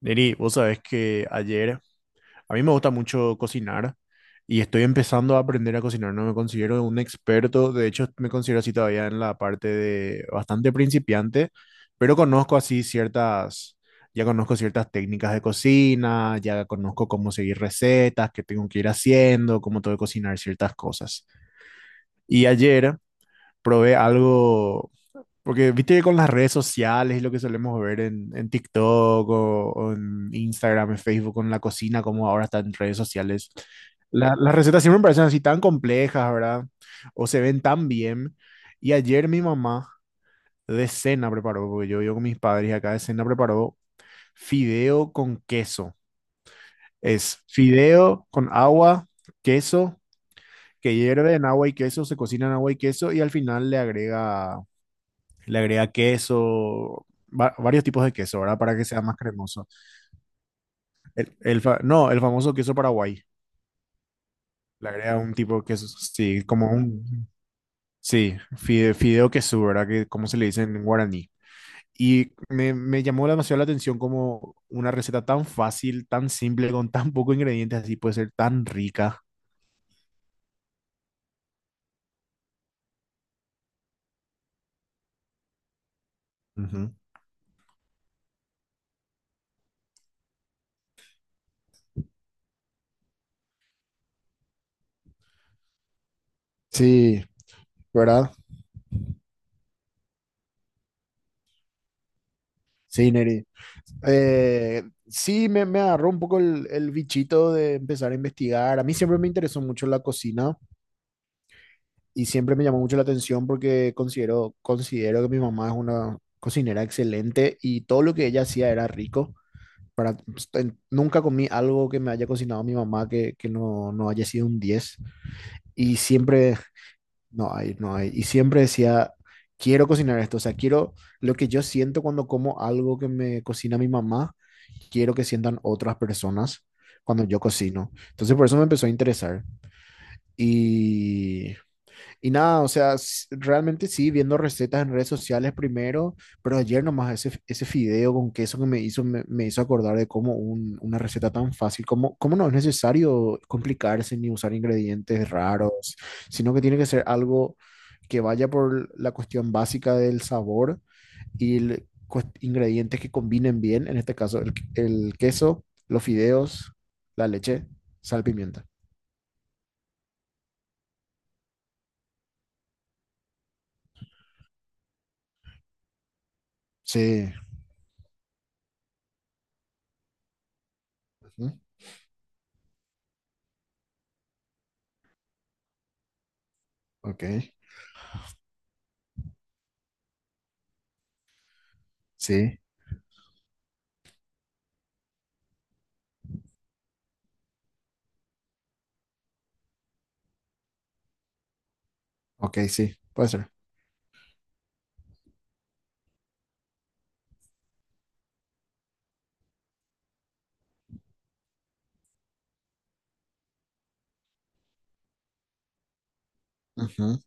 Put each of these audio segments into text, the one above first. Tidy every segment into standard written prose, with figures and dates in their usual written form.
Neri, vos sabés que ayer, a mí me gusta mucho cocinar y estoy empezando a aprender a cocinar, no me considero un experto, de hecho me considero así todavía en la parte de bastante principiante, pero conozco así ciertas, ya conozco ciertas técnicas de cocina, ya conozco cómo seguir recetas, qué tengo que ir haciendo, cómo tengo que cocinar ciertas cosas. Y ayer probé algo porque viste que con las redes sociales y lo que solemos ver en TikTok o en Instagram, en Facebook, con la cocina, como ahora está en redes sociales, las recetas siempre me parecen así tan complejas, ¿verdad? O se ven tan bien. Y ayer mi mamá de cena preparó, porque yo vivo con mis padres y acá de cena preparó fideo con queso. Es fideo con agua, queso, que hierve en agua y queso, se cocina en agua y queso y al final le agrega queso, varios tipos de queso, ¿verdad? Para que sea más cremoso. No, el famoso queso Paraguay. Le agrega un tipo de queso, sí, como un, sí, fideo queso, ¿verdad? Que como se le dice en guaraní. Y me llamó demasiado la atención como una receta tan fácil, tan simple, con tan pocos ingredientes, así puede ser tan rica. Ujú. Sí, ¿verdad? Sí, Neri. Eh, sí, me agarró un poco el bichito de empezar a investigar. A mí siempre me interesó mucho la cocina y siempre me llamó mucho la atención porque considero que mi mamá es una cocinera excelente y todo lo que ella hacía era rico. Nunca comí algo que me haya cocinado mi mamá que no haya sido un diez. Y siempre, no hay, no hay. Y siempre decía, quiero cocinar esto. O sea, quiero lo que yo siento cuando como algo que me cocina mi mamá, quiero que sientan otras personas cuando yo cocino. Entonces por eso me empezó a interesar. Y, y nada, o sea, realmente sí, viendo recetas en redes sociales primero, pero ayer nomás ese fideo con queso que me hizo, me hizo acordar de cómo una receta tan fácil, cómo, cómo no es necesario complicarse ni usar ingredientes raros, sino que tiene que ser algo que vaya por la cuestión básica del sabor y ingredientes que combinen bien, en este caso el queso, los fideos, la leche, sal, pimienta. Sí. Ujú. Ok. Sí. Ok, sí. Puede ser. Ujú.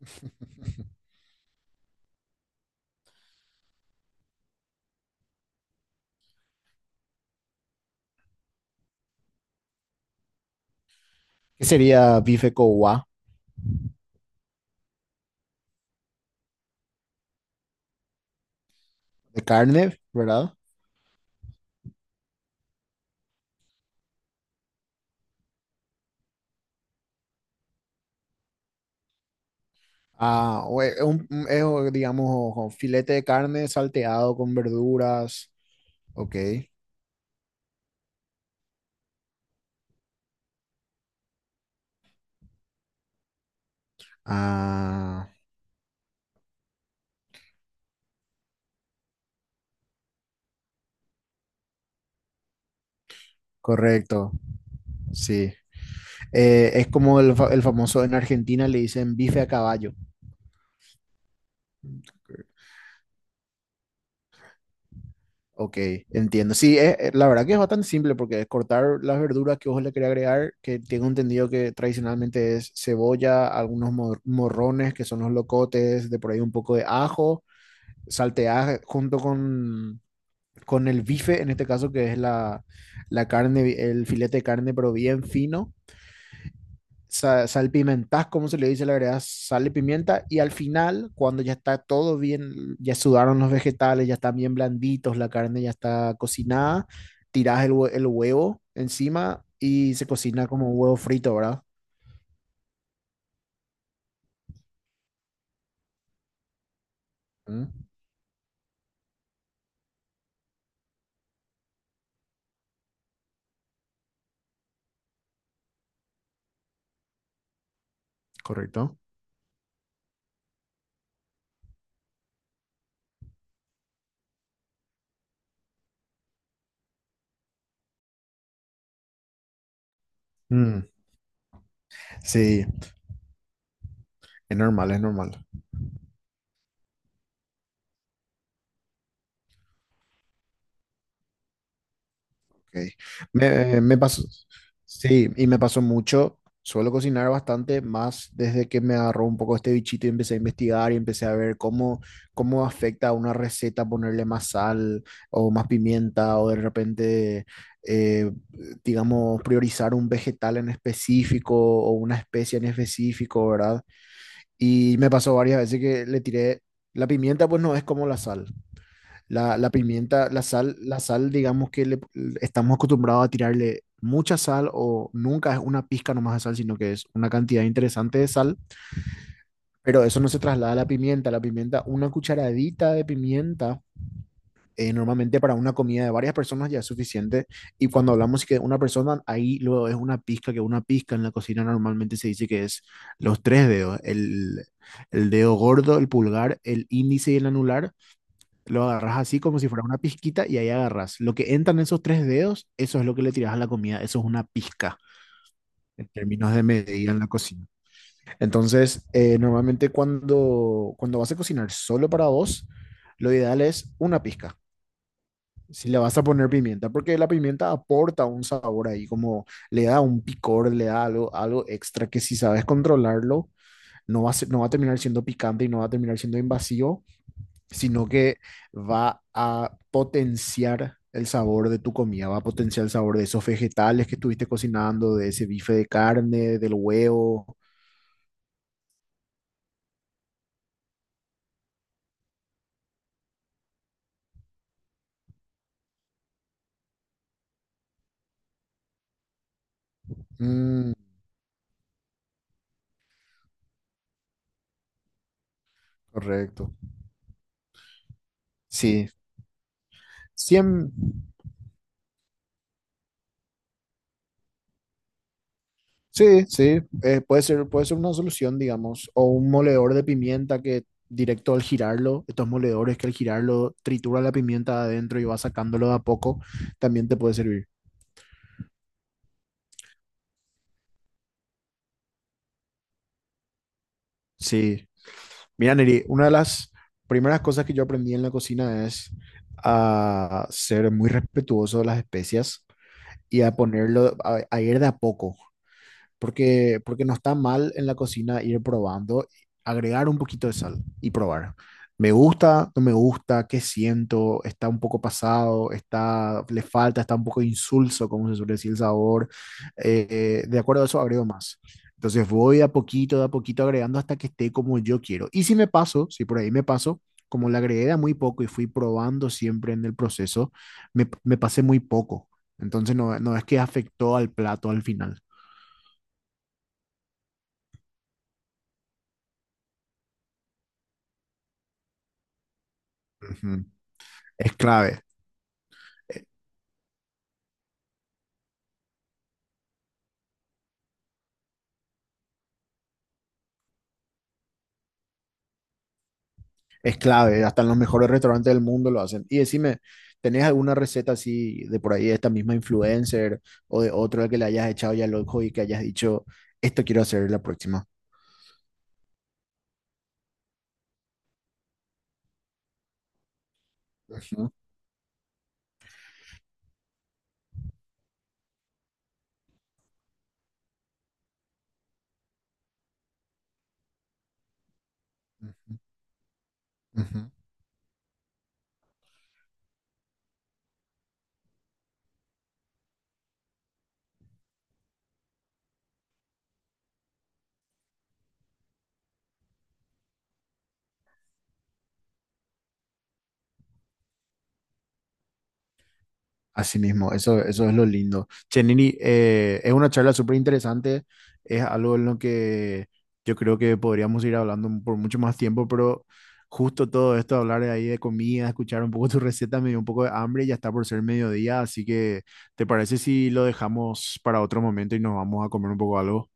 ¿Qué sería bife cowa? De carne, ¿verdad? Ah, o e- un- es, o, digamos, o filete de carne salteado con verduras. Ok. Ah, correcto. Sí. Es como el famoso en Argentina le dicen bife a caballo. Ok, entiendo. Sí, la verdad que es bastante simple porque es cortar las verduras que vos le querés agregar, que tengo entendido que tradicionalmente es cebolla, algunos morrones que son los locotes, de por ahí un poco de ajo, saltear junto con el bife, en este caso que es la, la carne, el filete de carne, pero bien fino, salpimentás, como se le dice, le agregas sal y pimienta y al final, cuando ya está todo bien, ya sudaron los vegetales, ya están bien blanditos, la carne ya está cocinada, tirás el huevo encima y se cocina como un huevo frito, ¿verdad? Mm. Correcto. Mm, sí, es normal, es normal. Ok. Me, me pasó, sí, y me pasó mucho. Suelo cocinar bastante más desde que me agarró un poco este bichito y empecé a investigar y empecé a ver cómo, cómo afecta a una receta ponerle más sal o más pimienta o de repente, eh, digamos, priorizar un vegetal en específico o una especie en específico, ¿verdad? Y me pasó varias veces que le tiré, la pimienta pues no es como la sal. La pimienta, la sal, digamos que le, estamos acostumbrados a tirarle mucha sal o nunca es una pizca nomás de sal, sino que es una cantidad interesante de sal, pero eso no se traslada a la pimienta. La pimienta, una cucharadita de pimienta, normalmente para una comida de varias personas ya es suficiente. Y cuando hablamos que una persona, ahí luego es una pizca, que una pizca en la cocina normalmente se dice que es los tres dedos, el dedo gordo, el pulgar, el índice y el anular, lo agarras así como si fuera una pizquita y ahí agarras. Lo que entran esos tres dedos, eso es lo que le tiras a la comida. Eso es una pizca en términos de medida en la cocina. Entonces, normalmente cuando vas a cocinar solo para dos, lo ideal es una pizca. Si le vas a poner pimienta, porque la pimienta aporta un sabor ahí, como le da un picor, le da algo, algo extra que si sabes controlarlo, no va a terminar siendo picante y no va a terminar siendo invasivo, sino que va a potenciar el sabor de tu comida, va a potenciar el sabor de esos vegetales que estuviste cocinando, de ese bife de carne, del huevo. Mm, correcto. Sí, Siem- sí, sí, puede ser una solución, digamos, o un moledor de pimienta que directo al girarlo, estos moledores que al girarlo tritura la pimienta de adentro y va sacándolo de a poco, también te puede servir. Sí. Mira, Neri, una de las primeras cosas que yo aprendí en la cocina es a ser muy respetuoso de las especias y a ponerlo, a ir de a poco porque, porque no está mal en la cocina ir probando, agregar un poquito de sal y probar. Me gusta, no me gusta, qué siento, está un poco pasado, está, le falta, está un poco insulso, como se suele decir el sabor. De acuerdo a eso, agrego más. Entonces voy de a poquito agregando hasta que esté como yo quiero. Y si me paso, si por ahí me paso, como le agregué de a muy poco y fui probando siempre en el proceso, me pasé muy poco. Entonces no, no es que afectó al plato al final. Ujú. Es clave, eh, es clave. Hasta en los mejores restaurantes del mundo lo hacen. Y decime, ¿tenés alguna receta así de por ahí de esta misma influencer o de otro que le hayas echado ya el ojo y que hayas dicho, esto quiero hacer la próxima? Ujú, ujú, ujú. Así mismo, eso es lo lindo. Che, Nini, es una charla súper interesante, es algo en lo que yo creo que podríamos ir hablando por mucho más tiempo, pero justo todo esto, hablar de ahí de comida, escuchar un poco tu receta, me dio un poco de hambre y ya está por ser mediodía, así que ¿te parece si lo dejamos para otro momento y nos vamos a comer un poco algo?